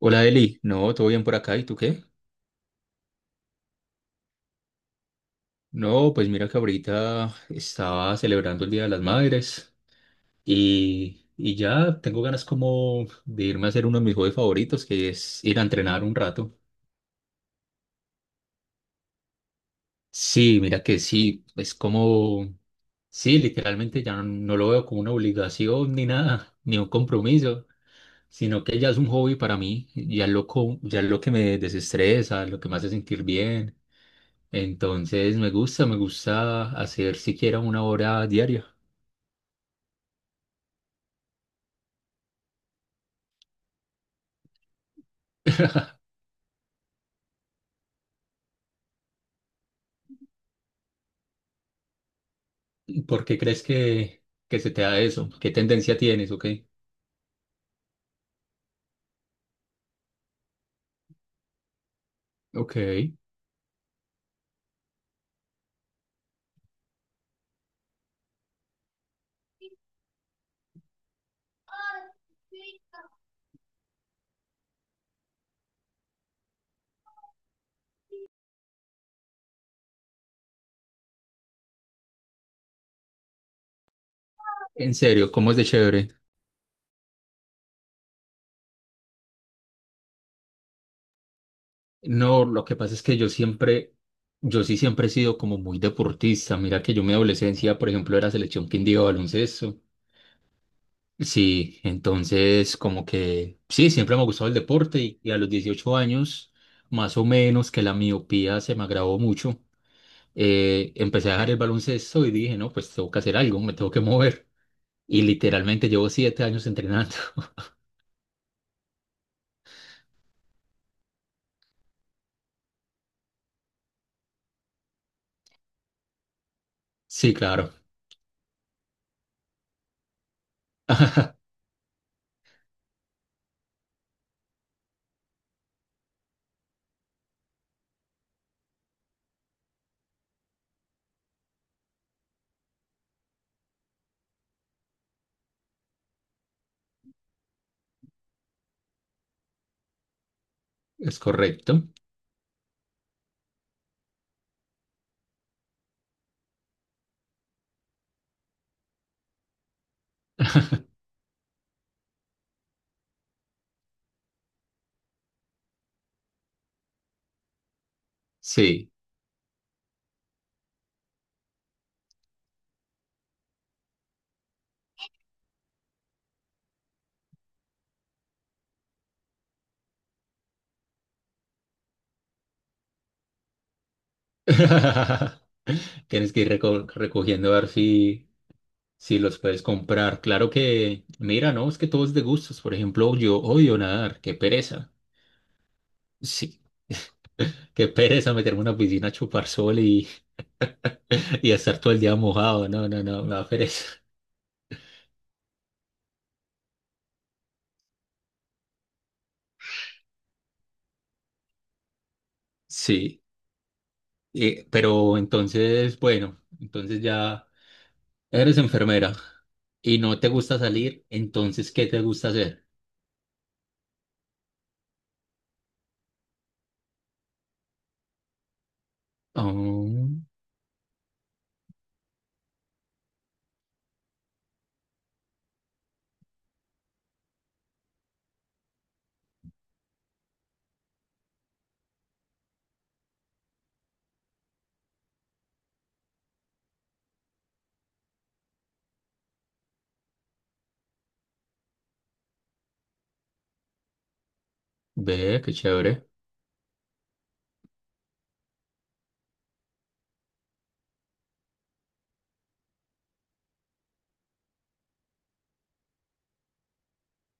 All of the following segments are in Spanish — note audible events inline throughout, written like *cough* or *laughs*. Hola Eli, no, todo bien por acá, ¿y tú qué? No, pues mira que ahorita estaba celebrando el Día de las Madres y ya tengo ganas como de irme a hacer uno de mis hobbies favoritos, que es ir a entrenar un rato. Sí, mira que sí, es como, sí, literalmente ya no lo veo como una obligación ni nada, ni un compromiso, sino que ya es un hobby para mí, ya es lo que me desestresa, lo que me hace sentir bien. Entonces me gusta hacer siquiera una hora diaria. ¿Por qué crees que se te da eso? ¿Qué tendencia tienes? Ok. Ok. En serio, ¿cómo es de chévere? No, lo que pasa es que yo sí siempre he sido como muy deportista. Mira que yo en mi adolescencia, por ejemplo, era selección Quindío de baloncesto. Sí, entonces como que sí, siempre me ha gustado el deporte y a los 18 años, más o menos que la miopía se me agravó mucho. Empecé a dejar el baloncesto y dije, no, pues tengo que hacer algo, me tengo que mover. Y literalmente llevo 7 años entrenando. *laughs* Sí, claro. *laughs* Es correcto. Sí. *laughs* Tienes que ir recogiendo a ver si, si los puedes comprar. Claro que, mira, no, es que todo es de gustos. Por ejemplo, yo odio nadar, qué pereza. Sí, qué pereza meterme en una piscina a chupar sol y, *laughs* y estar todo el día mojado. No, no, no, me da pereza. Sí. Pero entonces, bueno, entonces ya eres enfermera y no te gusta salir, entonces, ¿qué te gusta hacer? Oh, ve, qué chévere.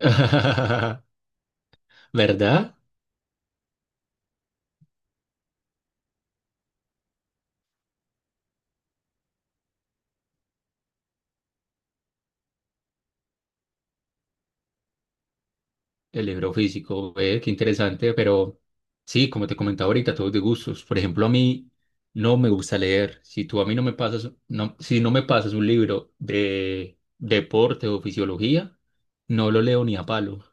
*laughs* ¿Verdad? El libro físico, ve, qué interesante, pero sí, como te comentaba ahorita, todos de gustos. Por ejemplo, a mí no me gusta leer. Si tú a mí no me pasas, no, si no me pasas un libro de deporte o fisiología, no lo leo ni a palo.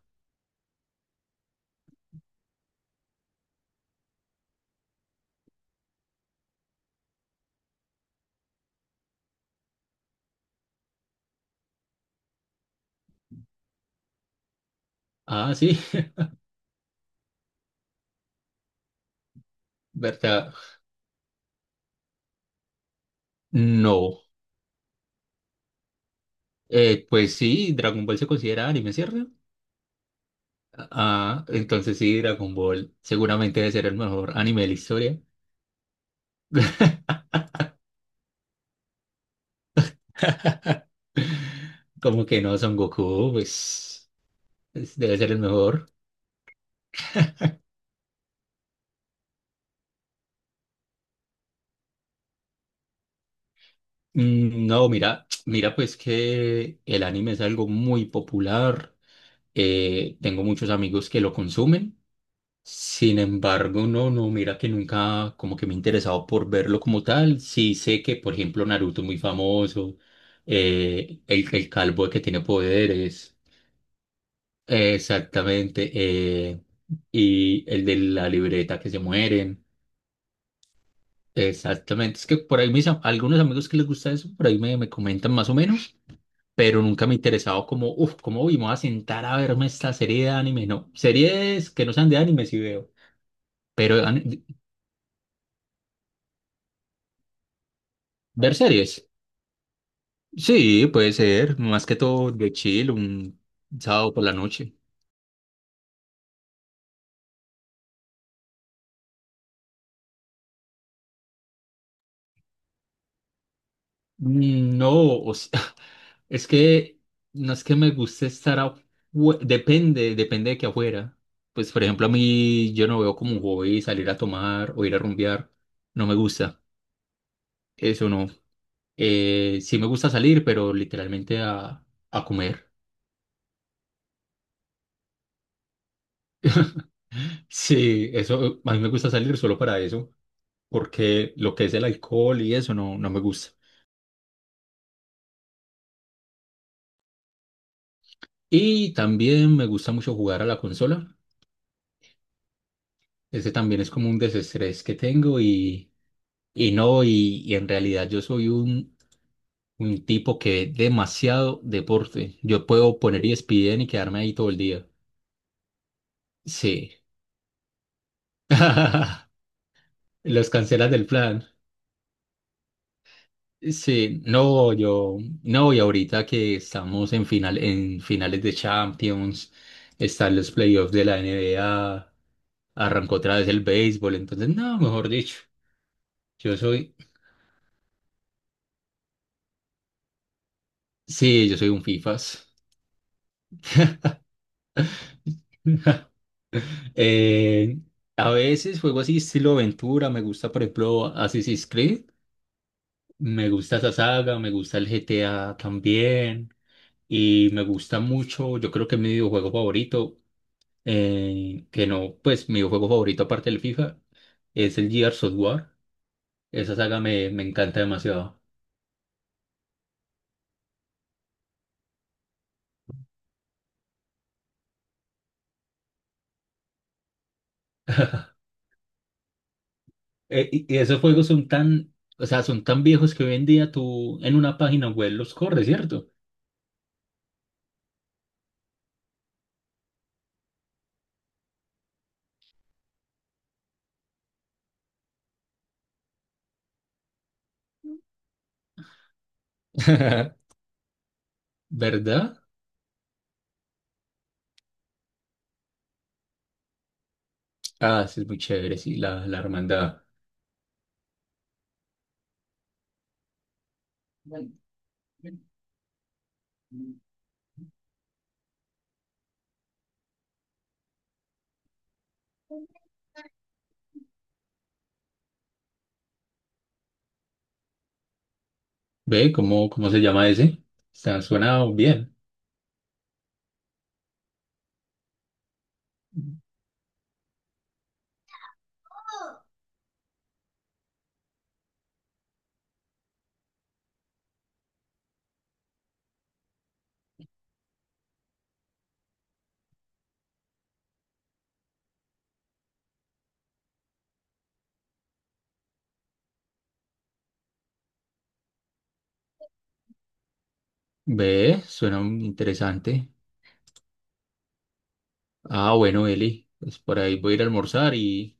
Ah, sí, *laughs* ¿verdad? No. Pues sí, Dragon Ball se considera anime, ¿cierto? Ah, entonces sí, Dragon Ball seguramente debe ser el mejor anime de la historia. *laughs* Como que no, Son Goku, pues debe ser el mejor. No, mira, pues que el anime es algo muy popular. Tengo muchos amigos que lo consumen. Sin embargo, no, mira que nunca como que me he interesado por verlo como tal. Sí sé que, por ejemplo, Naruto es muy famoso, el calvo que tiene poderes, exactamente, y el de la libreta que se mueren, exactamente. Es que por ahí algunos amigos que les gusta eso, por ahí me comentan más o menos, pero nunca me he interesado como, uff, ¿cómo uy, me voy a sentar a verme esta serie de anime? No, series que no sean de anime sí veo, pero ver series. Sí, puede ser, más que todo de chill, un sábado por la noche. No, o sea, *laughs* es que no es que me guste estar afuera, depende de que afuera. Pues, por ejemplo, a mí yo no veo como un hobby salir a tomar o ir a rumbear, no me gusta, eso no. Sí me gusta salir, pero literalmente a comer. *laughs* Sí, eso, a mí me gusta salir solo para eso, porque lo que es el alcohol y eso no, no me gusta. Y también me gusta mucho jugar a la consola. Ese también es como un desestrés que tengo y no, y en realidad un tipo que ve demasiado deporte. Yo puedo poner ESPN y quedarme ahí todo el día. Sí. *laughs* Los cancelas del plan. Sí, no, yo, no, y ahorita que estamos en finales de Champions, están los playoffs de la NBA, arrancó otra vez el béisbol, entonces, no, mejor dicho. Yo soy Sí, yo soy un FIFAs. *laughs* Eh, a veces juego así estilo aventura, me gusta por ejemplo Assassin's Creed, me gusta esa saga, me gusta el GTA también y me gusta mucho, yo creo que mi videojuego favorito, que no, pues mi videojuego favorito aparte del FIFA es el Gears of War, me encanta demasiado. *laughs* Y esos juegos son tan, o sea, son tan viejos que hoy en día tú en una página web los corres, ¿cierto? *laughs* ¿Verdad? Ah, sí, es muy chévere, sí, la hermandad. Ve, ¿cómo se llama ese? Está, suena bien. Ve, suena interesante. Ah, bueno, Eli, pues por ahí voy a ir a almorzar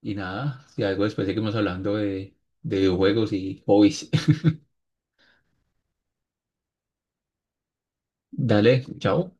y nada, si algo después seguimos hablando de videojuegos y hobbies. *laughs* Dale, chao.